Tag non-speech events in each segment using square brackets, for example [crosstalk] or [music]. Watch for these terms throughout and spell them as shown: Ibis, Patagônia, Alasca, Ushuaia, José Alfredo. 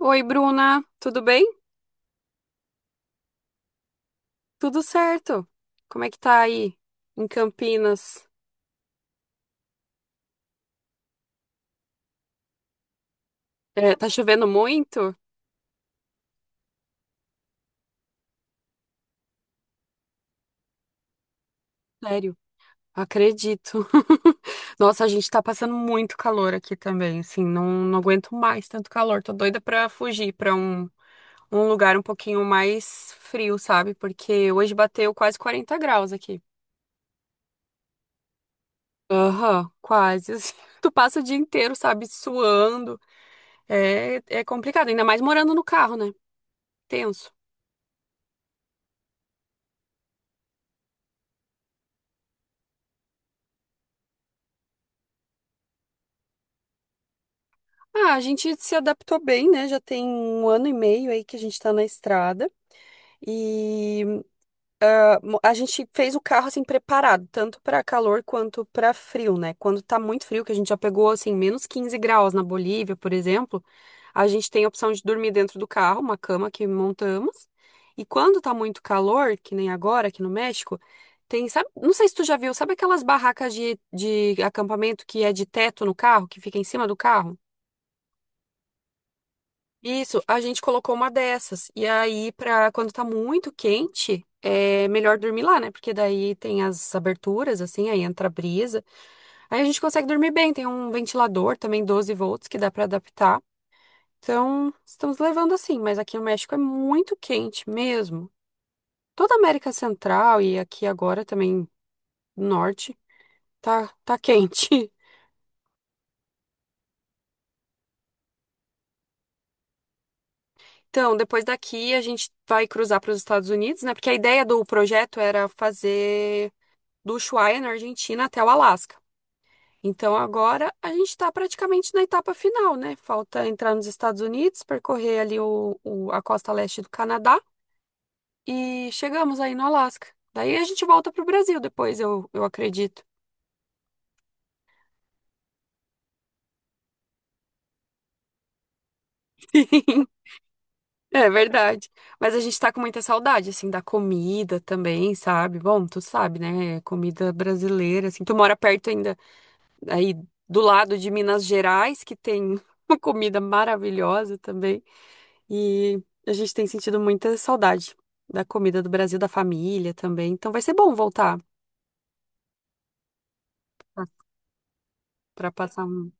Oi, Bruna, tudo bem? Tudo certo. Como é que tá aí em Campinas? É, tá chovendo muito? Sério, acredito. [laughs] Nossa, a gente tá passando muito calor aqui também, assim, não aguento mais tanto calor. Tô doida pra fugir pra um lugar um pouquinho mais frio, sabe? Porque hoje bateu quase 40 graus aqui. Aham, quase, assim. [laughs] Tu passa o dia inteiro, sabe, suando. É complicado, ainda mais morando no carro, né? Tenso. Ah, a gente se adaptou bem, né? Já tem um ano e meio aí que a gente tá na estrada. E a gente fez o carro assim preparado, tanto para calor quanto para frio, né? Quando tá muito frio, que a gente já pegou assim -15 graus na Bolívia, por exemplo, a gente tem a opção de dormir dentro do carro, uma cama que montamos. E quando tá muito calor, que nem agora aqui no México, tem, sabe, não sei se tu já viu, sabe aquelas barracas de acampamento que é de teto no carro, que fica em cima do carro? Isso, a gente colocou uma dessas. E aí, pra quando tá muito quente, é melhor dormir lá, né? Porque daí tem as aberturas, assim, aí entra a brisa. Aí a gente consegue dormir bem. Tem um ventilador também, 12 volts, que dá pra adaptar. Então, estamos levando assim. Mas aqui no México é muito quente mesmo. Toda a América Central e aqui agora também Norte, tá, tá quente. [laughs] Então, depois daqui a gente vai cruzar para os Estados Unidos, né? Porque a ideia do projeto era fazer do Ushuaia, na Argentina, até o Alasca. Então agora a gente está praticamente na etapa final, né? Falta entrar nos Estados Unidos, percorrer ali o, a costa leste do Canadá e chegamos aí no Alasca. Daí a gente volta para o Brasil depois, eu acredito. [laughs] É verdade. Mas a gente tá com muita saudade, assim, da comida também, sabe? Bom, tu sabe, né? Comida brasileira, assim. Tu mora perto ainda, aí do lado de Minas Gerais, que tem [laughs] uma comida maravilhosa também. E a gente tem sentido muita saudade da comida do Brasil, da família também. Então vai ser bom voltar para passar um.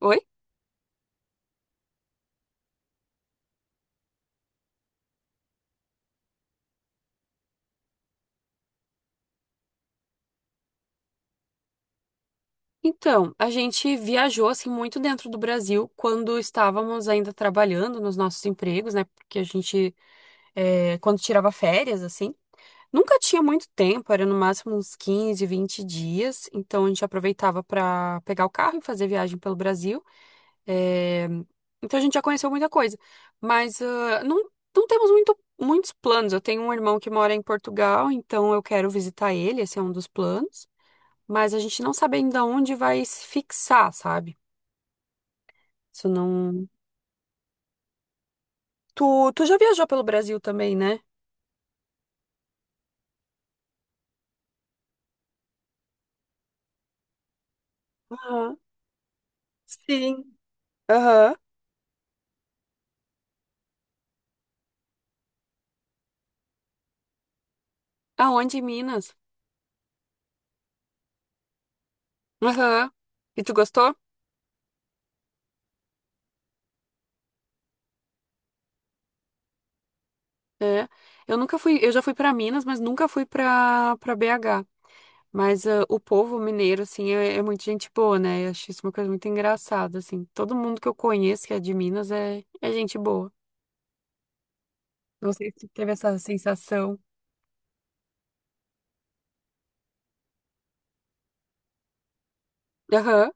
Oi? Então, a gente viajou assim muito dentro do Brasil quando estávamos ainda trabalhando nos nossos empregos, né? Porque a gente, é, quando tirava férias, assim, nunca tinha muito tempo, era no máximo uns 15, 20 dias. Então a gente aproveitava para pegar o carro e fazer viagem pelo Brasil. É, então a gente já conheceu muita coisa, mas ah, não, não temos muito, muitos planos. Eu tenho um irmão que mora em Portugal, então eu quero visitar ele, esse é um dos planos, mas a gente não sabe ainda onde vai se fixar, sabe? Isso não. Tu já viajou pelo Brasil também, né? Aham. Sim. Aham. Aonde? Em Minas? Aham. E tu gostou? É. Eu nunca fui, eu já fui pra Minas, mas nunca fui pra para BH. Mas ah, o povo mineiro, assim, é muito gente boa, né? Eu acho isso uma coisa muito engraçada, assim. Todo mundo que eu conheço que é de Minas é gente boa. Não sei se teve essa sensação. Aham,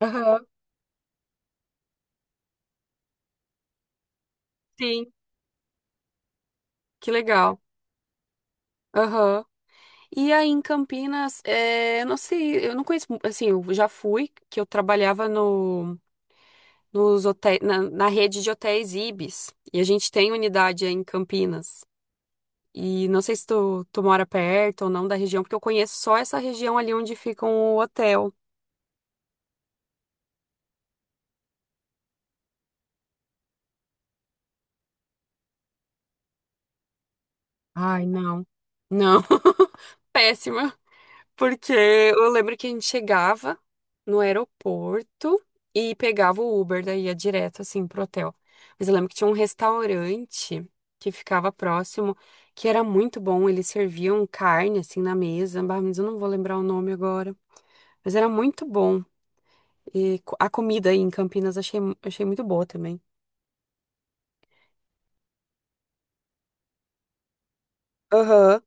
aham, sim, que legal. Aham. E aí em Campinas, eu não sei, eu não conheço, assim, eu já fui, que eu trabalhava no, nos hotéis, na rede de hotéis Ibis. E a gente tem unidade aí em Campinas. E não sei se tu mora perto ou não da região, porque eu conheço só essa região ali onde fica o hotel. Ai, não. Não. [laughs] Péssima. Porque eu lembro que a gente chegava no aeroporto e pegava o Uber, daí ia direto assim pro hotel. Mas eu lembro que tinha um restaurante que ficava próximo, que era muito bom. Eles serviam carne assim na mesa. Bah, mas eu não vou lembrar o nome agora. Mas era muito bom. E a comida aí em Campinas achei muito boa também. Aham.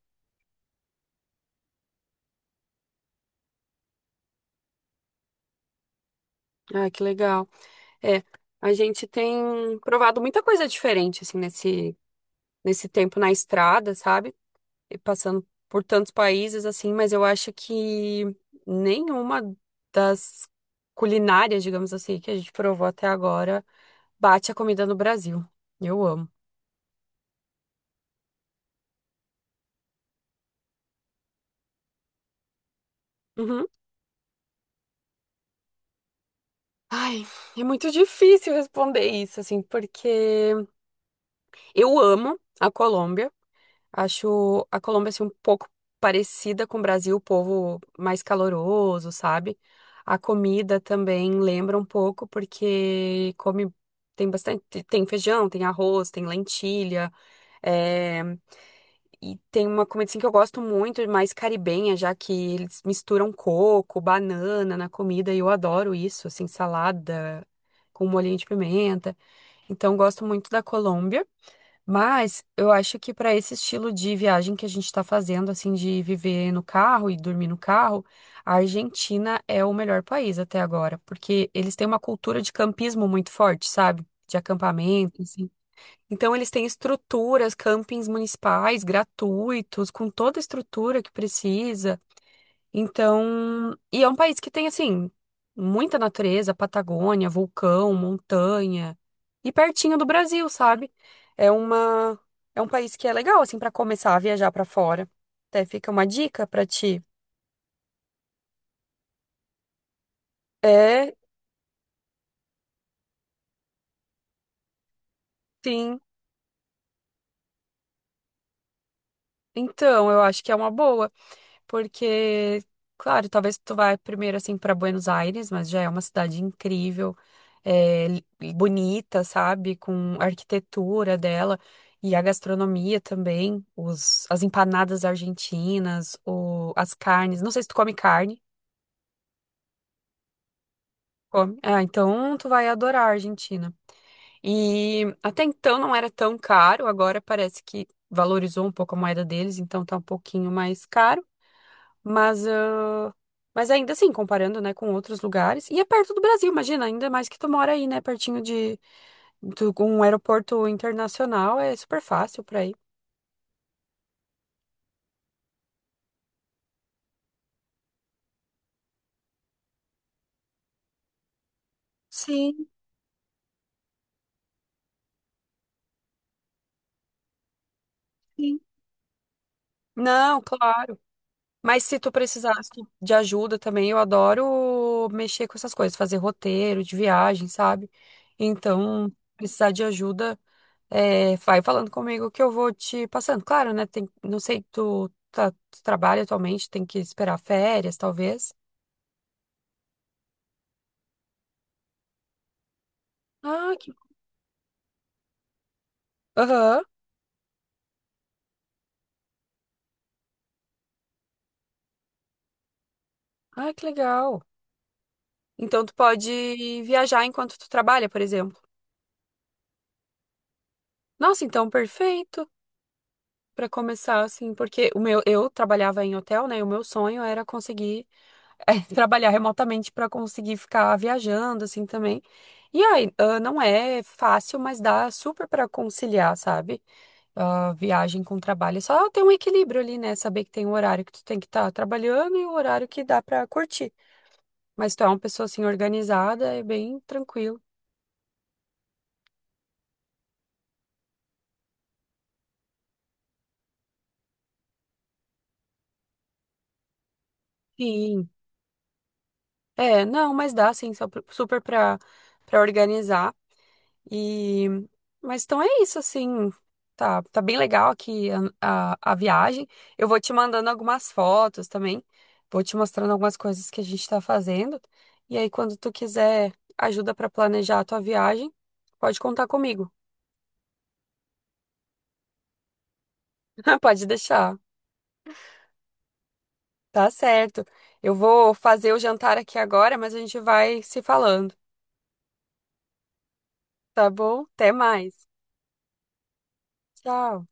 Ah, que legal. É, a gente tem provado muita coisa diferente, assim, nesse tempo na estrada, sabe? E passando por tantos países, assim, mas eu acho que nenhuma das culinárias, digamos assim, que a gente provou até agora bate a comida no Brasil. Eu amo. Uhum. Ai, é muito difícil responder isso, assim, porque eu amo a Colômbia. Acho a Colômbia assim, um pouco parecida com o Brasil, o povo mais caloroso, sabe? A comida também lembra um pouco, porque come, tem bastante, tem feijão, tem arroz, tem lentilha, é, e tem uma comida assim, que eu gosto muito, mais caribenha, já que eles misturam coco, banana na comida, e eu adoro isso, assim, salada com molhinho de pimenta. Então, gosto muito da Colômbia. Mas eu acho que para esse estilo de viagem que a gente está fazendo, assim, de viver no carro e dormir no carro, a Argentina é o melhor país até agora, porque eles têm uma cultura de campismo muito forte, sabe? De acampamento, assim. Então eles têm estruturas, campings municipais gratuitos, com toda a estrutura que precisa. Então, e é um país que tem, assim, muita natureza, Patagônia, vulcão, montanha, e pertinho do Brasil, sabe? É uma, é um país que é legal, assim, para começar a viajar para fora. Até fica uma dica para ti. É, sim. Então, eu acho que é uma boa. Porque, claro, talvez tu vá primeiro assim para Buenos Aires, mas já é uma cidade incrível, é, li- bonita, sabe? Com a arquitetura dela e a gastronomia também, as empanadas argentinas, as carnes. Não sei se tu come carne. Come. Ah, então tu vai adorar a Argentina. E até então não era tão caro, agora parece que valorizou um pouco a moeda deles, então tá um pouquinho mais caro. Mas, ah, mas ainda assim, comparando, né, com outros lugares. E é perto do Brasil, imagina, ainda mais que tu mora aí, né, pertinho de, um aeroporto internacional, é super fácil pra ir. Sim, sim. Não, claro. Mas se tu precisasse de ajuda também, eu adoro mexer com essas coisas, fazer roteiro de viagem, sabe? Então, precisar de ajuda, é, vai falando comigo que eu vou te passando. Claro, né? Tem, não sei, tu, tá, tu trabalha atualmente, tem que esperar férias, talvez. Ah, que... Aham. Ah, que legal. Então tu pode viajar enquanto tu trabalha, por exemplo. Nossa, então perfeito para começar assim, porque o meu eu trabalhava em hotel, né? E o meu sonho era conseguir [laughs] eh, trabalhar remotamente para conseguir ficar viajando assim também. E aí, ah, não é fácil, mas dá super para conciliar, sabe? Ah, viagem com trabalho. É só ter um equilíbrio ali, né? Saber que tem um horário que tu tem que estar trabalhando e o horário que dá para curtir. Mas tu é uma pessoa assim organizada, é bem tranquilo. Sim. É, não, mas dá sim, só super pra organizar. E mas então é isso assim. Tá bem legal aqui a viagem. Eu vou te mandando algumas fotos também. Vou te mostrando algumas coisas que a gente tá fazendo. E aí, quando tu quiser ajuda pra planejar a tua viagem, pode contar comigo. [laughs] Pode deixar. Tá certo. Eu vou fazer o jantar aqui agora, mas a gente vai se falando. Tá bom? Até mais. Tchau.